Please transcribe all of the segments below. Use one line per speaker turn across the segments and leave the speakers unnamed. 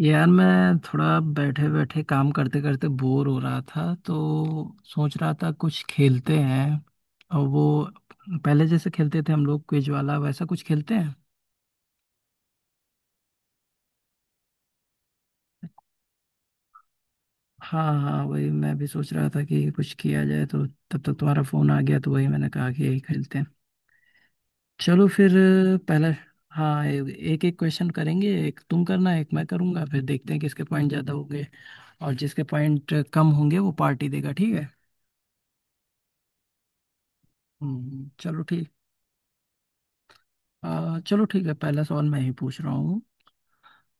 यार मैं थोड़ा बैठे बैठे काम करते करते बोर हो रहा था, तो सोच रहा था कुछ खेलते हैं। और वो पहले जैसे खेलते थे हम लोग, क्विज वाला वैसा कुछ खेलते हैं। हाँ हाँ, वही मैं भी सोच रहा था कि कुछ किया जाए, तो तब तक तुम्हारा फोन आ गया तो वही मैंने कहा कि यही खेलते हैं। चलो फिर। पहला, हाँ, एक एक क्वेश्चन करेंगे, एक तुम करना एक मैं करूंगा, फिर देखते हैं किसके पॉइंट ज्यादा होंगे और जिसके पॉइंट कम होंगे वो पार्टी देगा, ठीक है। चलो ठीक। चलो ठीक है, पहला सवाल मैं ही पूछ रहा हूँ।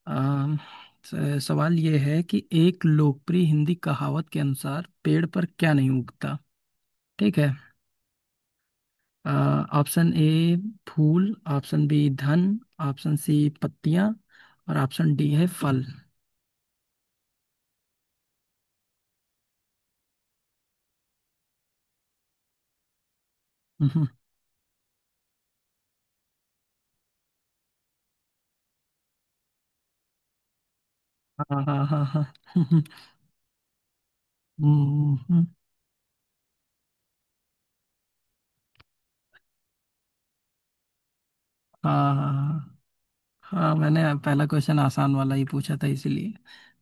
आ, सवाल ये है कि एक लोकप्रिय हिंदी कहावत के अनुसार पेड़ पर क्या नहीं उगता, ठीक है। ऑप्शन ए फूल, ऑप्शन बी धन, ऑप्शन सी पत्तियां, और ऑप्शन डी है फल। हम्म, हाँ हाँ हाँ हाँ। हम्म, हम्म, हाँ हाँ हाँ। हाँ, मैंने पहला क्वेश्चन आसान वाला ही पूछा था इसीलिए।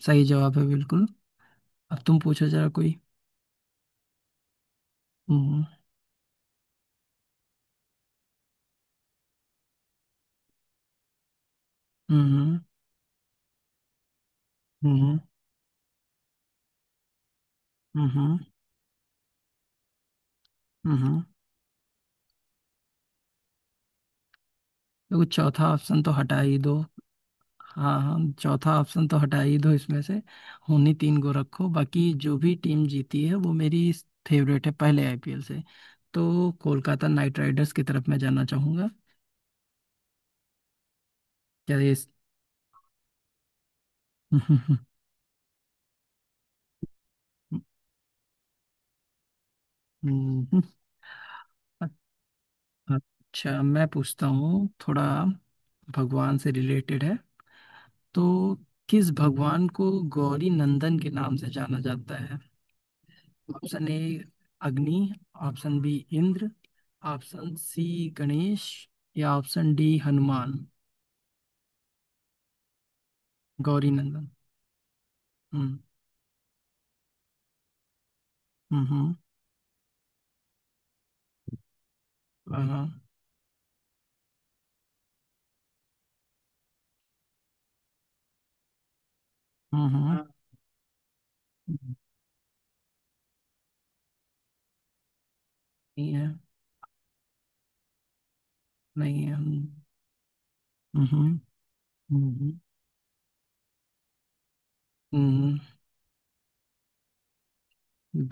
सही जवाब है बिल्कुल। अब तुम पूछो जरा कोई। हम्म। हम्म। हम्म। हम्म। हम्म। हम्म। देखो चौथा ऑप्शन तो हटा ही दो। हाँ हाँ, चौथा ऑप्शन तो हटा ही दो इसमें से। उन्हीं तीन को रखो, बाकी जो भी टीम जीती है वो मेरी फेवरेट है पहले आईपीएल से। तो कोलकाता नाइट राइडर्स की तरफ मैं जाना चाहूंगा। क्या ये इस। हम्म। अच्छा, मैं पूछता हूँ थोड़ा, भगवान से रिलेटेड है। तो किस भगवान को गौरी नंदन के नाम से जाना जाता है? Option A Agni, option B Indra, option C Ganesh, या ऑप्शन डी हनुमान। गौरी नंदन। हम्म। हम्म। हाँ। हम्म। हाँ। नहीं है। नहीं है। हम्म। हम्म। हम्म, हम्म।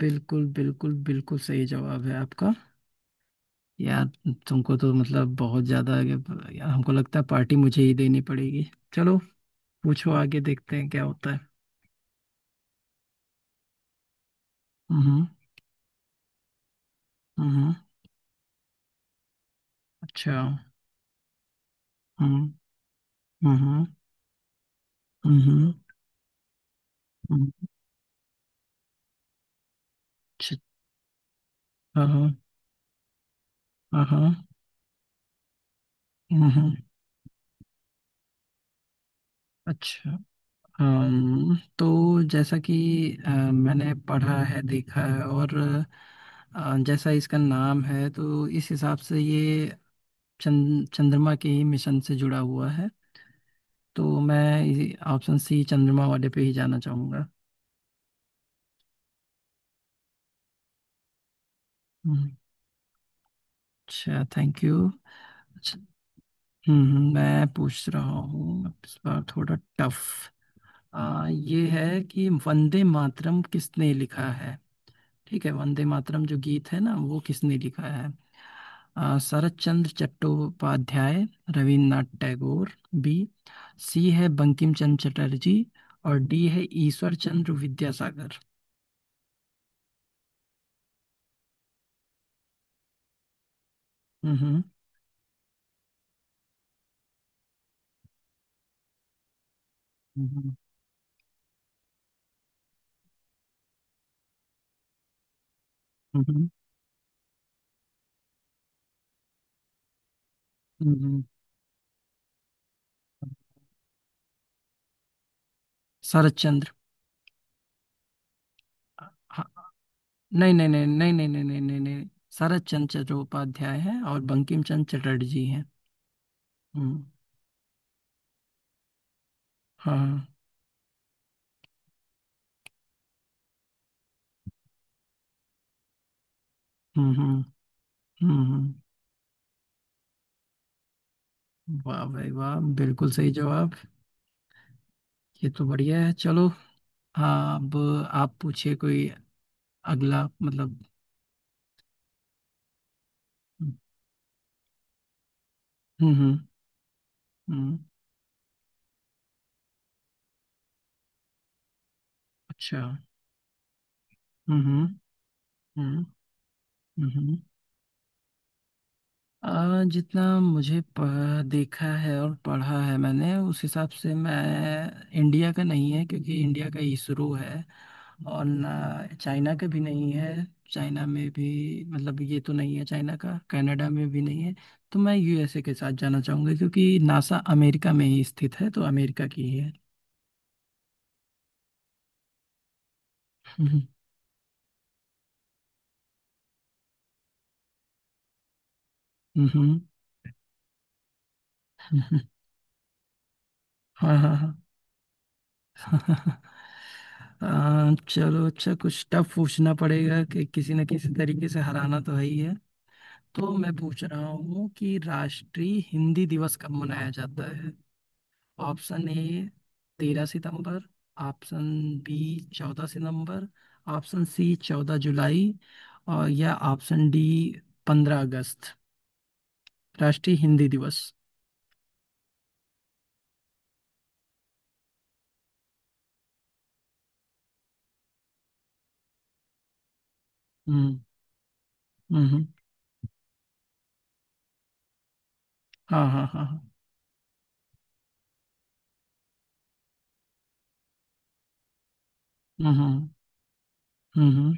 बिल्कुल बिल्कुल बिल्कुल सही जवाब है आपका। यार, तुमको तो मतलब बहुत ज्यादा आगे। यार हमको लगता है पार्टी मुझे ही देनी पड़ेगी, चलो। पूछो आगे, देखते हैं क्या होता है। हम्म। हम्म। अच्छा। हम्म। हम्म। हम्म। हम्म, अच्छा हाँ हाँ हाँ, हम्म। अच्छा, तो जैसा कि मैंने पढ़ा है देखा है, और जैसा इसका नाम है, तो इस हिसाब से ये चंद्रमा के ही मिशन से जुड़ा हुआ है। तो मैं ऑप्शन सी चंद्रमा वाले पे ही जाना चाहूँगा। हम्म, अच्छा, थैंक यू। अच्छा। हम्म, मैं पूछ रहा हूँ इस बार थोड़ा टफ। ये है कि वंदे मातरम किसने लिखा है, ठीक है, वंदे मातरम जो गीत है ना वो किसने लिखा है? शरत चंद्र चट्टोपाध्याय, रविन्द्रनाथ टैगोर बी, सी है बंकिम चंद्र चटर्जी, और डी है ईश्वर चंद्र विद्यासागर। हम्म। हम्म। हम्म। हम्म। शरत चंद्र। हाँ, नहीं नहीं नहीं नहीं नहीं नहीं नहीं नहीं नहीं। शरत चंद्र चट्टोपाध्याय है, और बंकिम चंद्र चटर्जी हैं। हम्म। हाँ। हम्म। हम्म। हम्म। वाह भाई वाह, बिल्कुल सही जवाब। ये तो बढ़िया है, चलो। हाँ, अब आप पूछिए कोई अगला, मतलब। हम्म। हम्म। हम्म, अच्छा। हम्म। हम्म। हम्म। हम्म। जितना मुझे देखा है और पढ़ा है मैंने, उस हिसाब से मैं, इंडिया का नहीं है क्योंकि इंडिया का इसरो है। और ना चाइना का भी नहीं है। चाइना में भी, मतलब, ये तो नहीं है चाइना का, कनाडा में भी नहीं है। तो मैं यूएसए के साथ जाना चाहूंगा क्योंकि नासा अमेरिका में ही स्थित है, तो अमेरिका की ही है। हम्म। हम्म, हम्म, हम्म। हाँ हाँ हाँ। चलो अच्छा, कुछ टफ पूछना पड़ेगा कि किसी न किसी तरीके से हराना तो है ही है। तो मैं पूछ रहा हूँ कि राष्ट्रीय हिंदी दिवस कब मनाया जाता है? ऑप्शन ए तेरह सितंबर, ऑप्शन बी चौदह सितंबर, ऑप्शन सी चौदह जुलाई, और या ऑप्शन डी पंद्रह अगस्त। राष्ट्रीय हिंदी दिवस। हम्म। हम्म। हाँ हाँ हाँ हाँ। हम्म। हम्म। हम्म।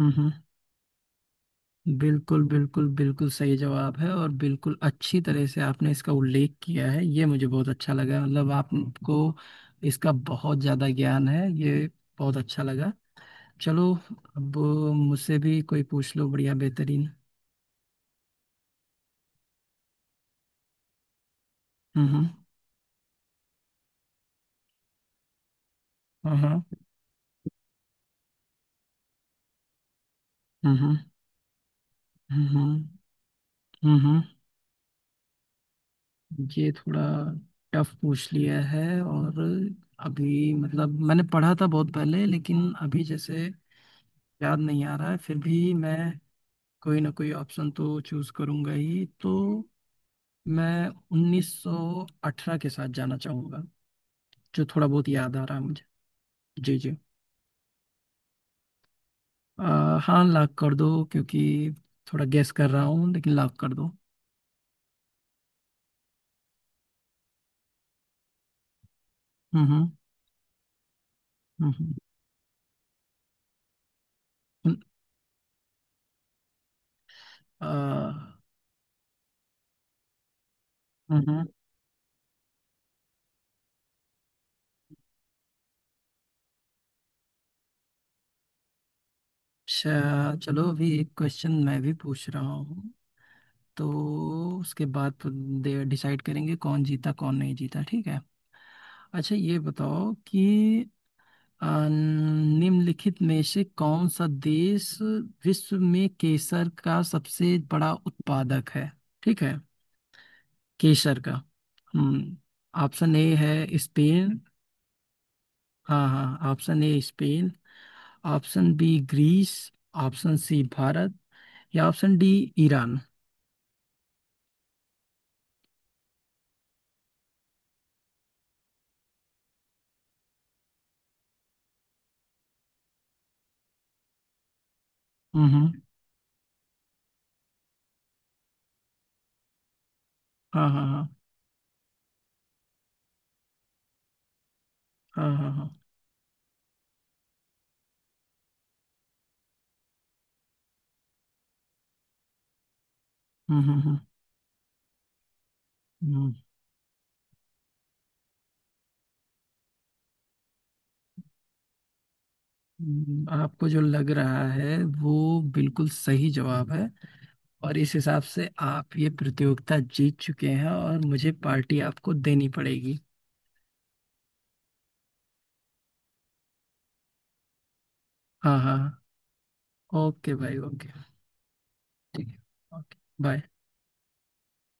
हम्म, हम्म। बिल्कुल बिल्कुल बिल्कुल सही जवाब है, और बिल्कुल अच्छी तरह से आपने इसका उल्लेख किया है। ये मुझे बहुत अच्छा लगा, मतलब आपको इसका बहुत ज़्यादा ज्ञान है, ये बहुत अच्छा लगा। चलो, अब मुझसे भी कोई पूछ लो, बढ़िया बेहतरीन। हम्म। हम्म। हम्म। हम्म। हम्म। ये थोड़ा टफ पूछ लिया है, और अभी मतलब मैंने पढ़ा था बहुत पहले, लेकिन अभी जैसे याद नहीं आ रहा है। फिर भी मैं कोई ना कोई ऑप्शन तो चूज करूंगा ही, तो मैं 1918 के साथ जाना चाहूंगा, जो थोड़ा बहुत याद आ रहा है मुझे। जी जी। हाँ, लाख कर दो क्योंकि थोड़ा गेस कर रहा हूँ, लेकिन लाख कर दो। हम्म। हम्म। हम्म। हम्म। हम्म। अच्छा चलो, अभी एक क्वेश्चन मैं भी पूछ रहा हूँ, तो उसके बाद डिसाइड करेंगे कौन जीता कौन नहीं जीता, ठीक है। अच्छा ये बताओ कि निम्नलिखित में से कौन सा देश विश्व में केसर का सबसे बड़ा उत्पादक है, ठीक है, केसर का। हम्म। ऑप्शन ए है स्पेन। हाँ हाँ, option A Spain, option B Greece, option C Bharat, या ऑप्शन डी ईरान। हम्म। हाँ हाँ हाँ हाँ। हाँ हाँ। हम्म। हम्म। हम्म। हम्म, आपको जो लग रहा है वो बिल्कुल सही जवाब है, और इस हिसाब से आप ये प्रतियोगिता जीत चुके हैं, और मुझे पार्टी आपको देनी पड़ेगी। हाँ हाँ हाँ, ओके भाई ओके। ठीक है, ओके, बाय।